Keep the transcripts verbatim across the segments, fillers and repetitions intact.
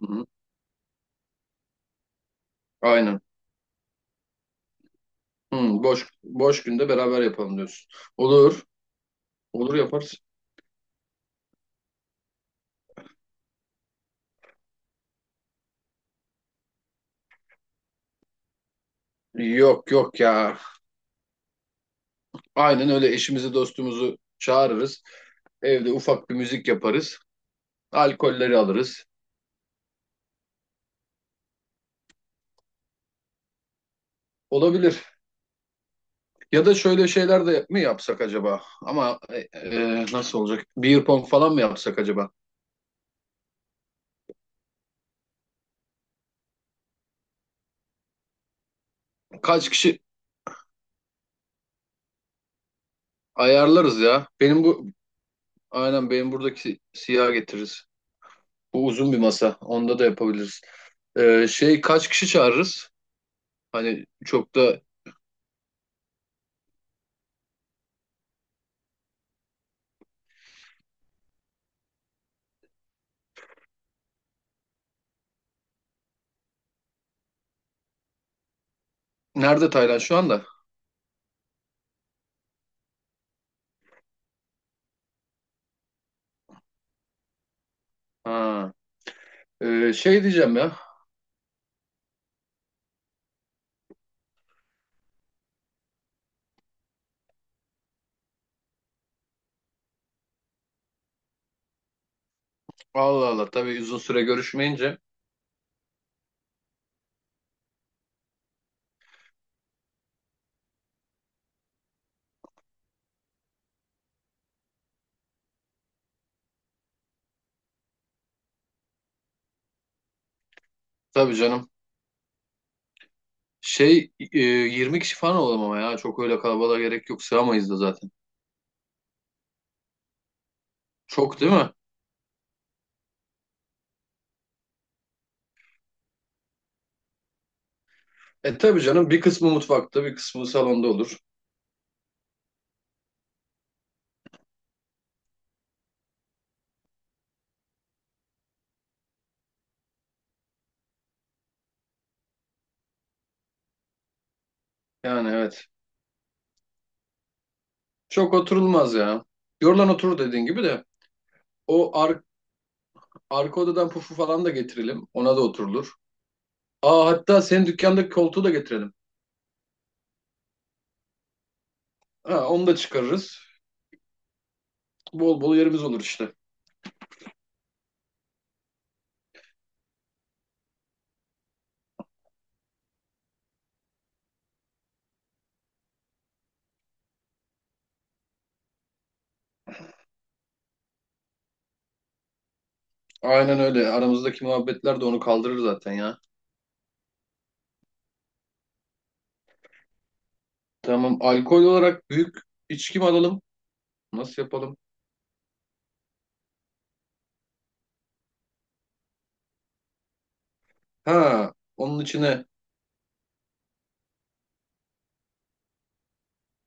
Hı hı. Aynen. Hı, boş boş günde beraber yapalım diyorsun. Olur. Olur yaparız. Yok yok ya. Aynen öyle eşimizi dostumuzu çağırırız. Evde ufak bir müzik yaparız. Alkolleri alırız. Olabilir. Ya da şöyle şeyler de mi yapsak acaba? Ama e, e, nasıl olacak? Beer pong falan mı yapsak acaba? Kaç kişi ayarlarız ya? Benim bu aynen benim buradaki siyah getiririz. Bu uzun bir masa. Onda da yapabiliriz. E, şey kaç kişi çağırırız? Hani çok da nerede Taylan şu anda? Ha. Ee, şey diyeceğim ya. Allah Allah, tabii uzun süre görüşmeyince. Tabii canım. Şey e, yirmi kişi falan olalım ama ya. Çok öyle kalabalığa gerek yok. Sığamayız da zaten. Çok değil mi? E tabii canım. Bir kısmı mutfakta, bir kısmı salonda olur. Yani evet. Çok oturulmaz ya. Yorulan oturur, dediğin gibi de. O ar arka odadan pufu falan da getirelim. Ona da oturulur. Aa, hatta senin dükkandaki koltuğu da getirelim. Ha, onu da çıkarırız. Bol bol yerimiz olur işte. Aynen öyle. Aramızdaki muhabbetler de onu kaldırır zaten ya. Tamam. Alkol olarak büyük içki mi alalım? Nasıl yapalım? Ha, onun içine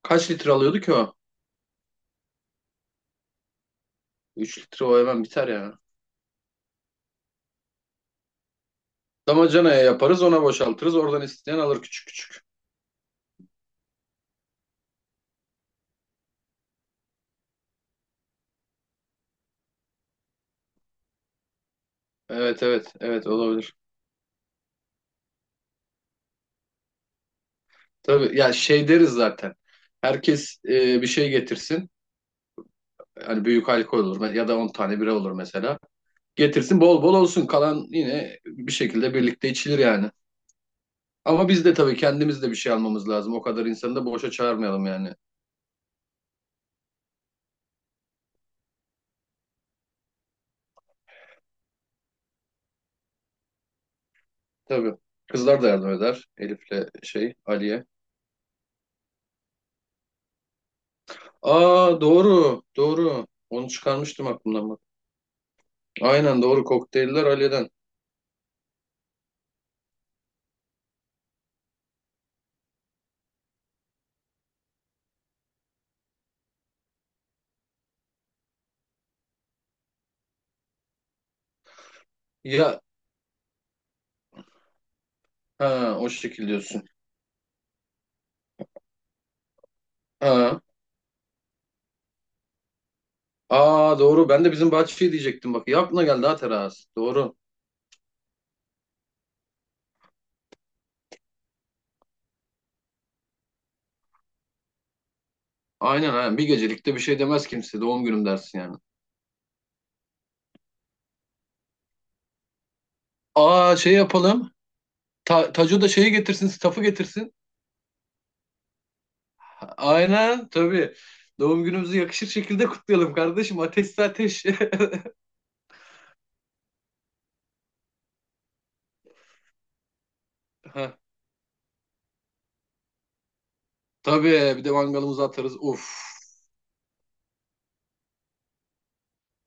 kaç litre alıyordu ki o? Üç litre o hemen biter ya. Damacanaya yaparız, ona boşaltırız. Oradan isteyen alır küçük küçük. Evet, evet, evet, olabilir. Tabii ya, şey deriz zaten. Herkes e, bir şey getirsin. Hani büyük alkol olur ya da on tane bira olur mesela. Getirsin, bol bol olsun. Kalan yine bir şekilde birlikte içilir yani. Ama biz de tabii kendimiz de bir şey almamız lazım. O kadar insanı da boşa çağırmayalım yani. Tabii. Kızlar da yardım eder. Elif'le şey, Ali'ye. Aa, doğru. Doğru. Onu çıkarmıştım aklımdan, bak. Aynen doğru. Kokteyller Ali'den. Ya, ha o şekil diyorsun. Ha. Aa, doğru. Ben de bizim bahçeyi diyecektim, bak. Ya, aklına geldi ha, teras. Doğru. Aynen aynen. Bir gecelikte bir şey demez kimse. Doğum günüm dersin yani. Aa, şey yapalım. Ta Taco da şeyi getirsin. Staff'ı getirsin. Aynen tabii. Doğum günümüzü yakışır şekilde kutlayalım kardeşim. Ateşse ateş. Ha, tabii, bir de mangalımızı atarız. Uf.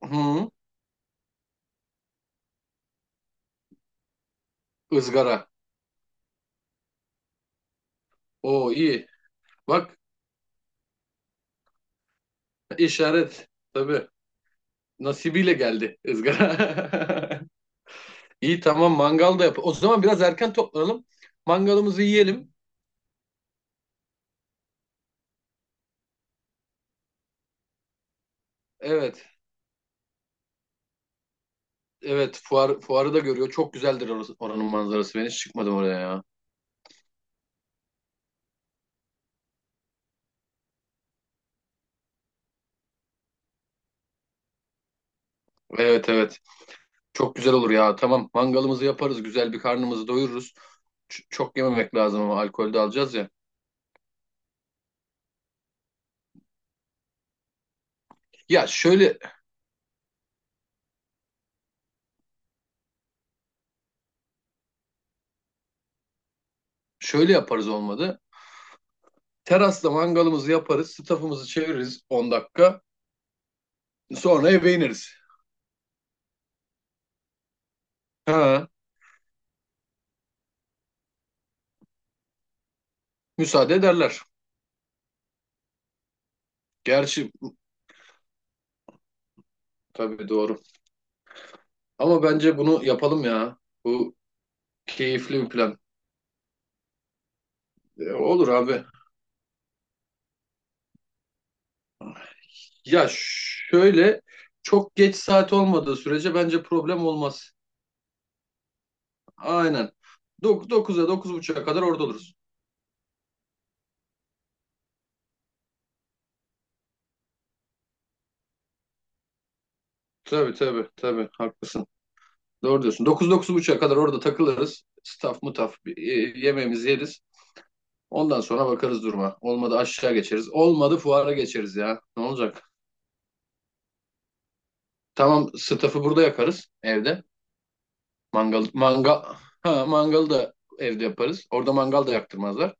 Hı, ızgara. Oo, iyi. Bak, işaret. Tabii. Nasibiyle geldi ızgara. İyi tamam, mangal da yap. O zaman biraz erken toplanalım. Mangalımızı yiyelim. Evet. Evet fuar, fuarı da görüyor. Çok güzeldir orası- oranın manzarası. Ben hiç çıkmadım oraya ya. Evet evet. Çok güzel olur ya. Tamam, mangalımızı yaparız. Güzel bir karnımızı doyururuz. Ç- çok yememek lazım ama alkolde alacağız ya. Ya şöyle, şöyle yaparız olmadı. Terasta mangalımızı yaparız. Stafımızı çeviririz on dakika. Sonra eve ineriz. Ha, müsaade ederler. Gerçi tabii, doğru. Ama bence bunu yapalım ya. Bu keyifli bir plan. E, olur abi. Ya şöyle, çok geç saat olmadığı sürece bence problem olmaz. Aynen. dokuz'a dokuz 9.30'a kadar orada oluruz. Tabii tabii tabii, haklısın. Doğru diyorsun. dokuz dokuz buçuğa kadar orada takılırız. Staff mutaf bir, e, yemeğimizi yeriz. Ondan sonra bakarız duruma. Olmadı aşağı geçeriz. Olmadı fuara geçeriz ya. Ne olacak? Tamam, staff'ı burada yakarız evde. Mangal mangal ha, mangalı da evde yaparız. Orada mangal da yaktırmazlar.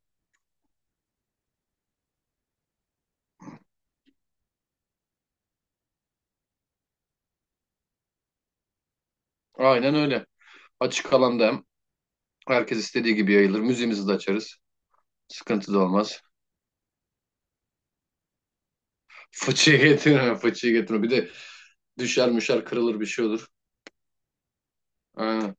Aynen öyle. Açık alanda hem herkes istediği gibi yayılır. Müziğimizi de açarız. Sıkıntı da olmaz. Fıçıyı getirme, fıçıyı getirme. Bir de düşer müşer kırılır, bir şey olur. Aynen.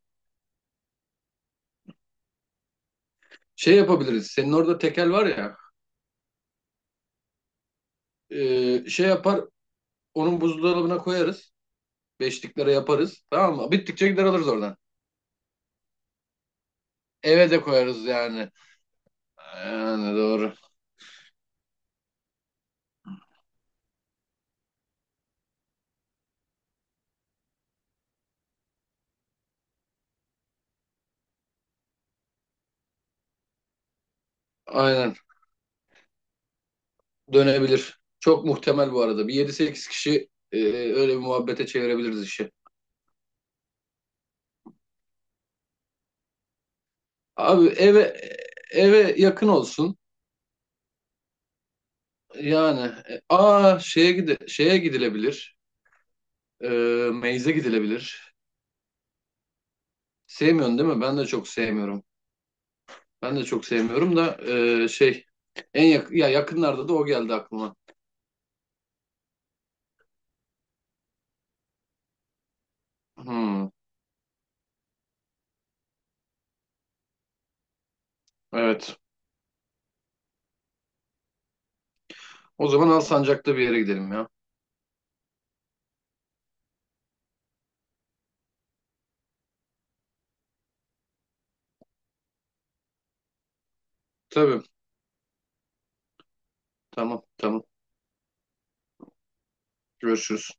Şey yapabiliriz. Senin orada tekel var ya. e, şey yapar. Onun buzdolabına koyarız. Beşliklere yaparız. Tamam mı? Bittikçe gider alırız oradan. Eve de koyarız yani. Yani doğru. Aynen. Dönebilir. Çok muhtemel bu arada. Bir yedi sekiz kişi e, öyle bir muhabbete çevirebiliriz işi. Abi eve eve yakın olsun. Yani, e, aa şeye gide şeye gidilebilir. E, meyze gidilebilir. Sevmiyorsun değil mi? Ben de çok sevmiyorum. Ben de çok sevmiyorum da e, şey, en yak ya yakınlarda da o geldi aklıma. Hmm, evet. O zaman Alsancak'ta bir yere gidelim ya. Tabii. Tamam, tamam. Görüşürüz.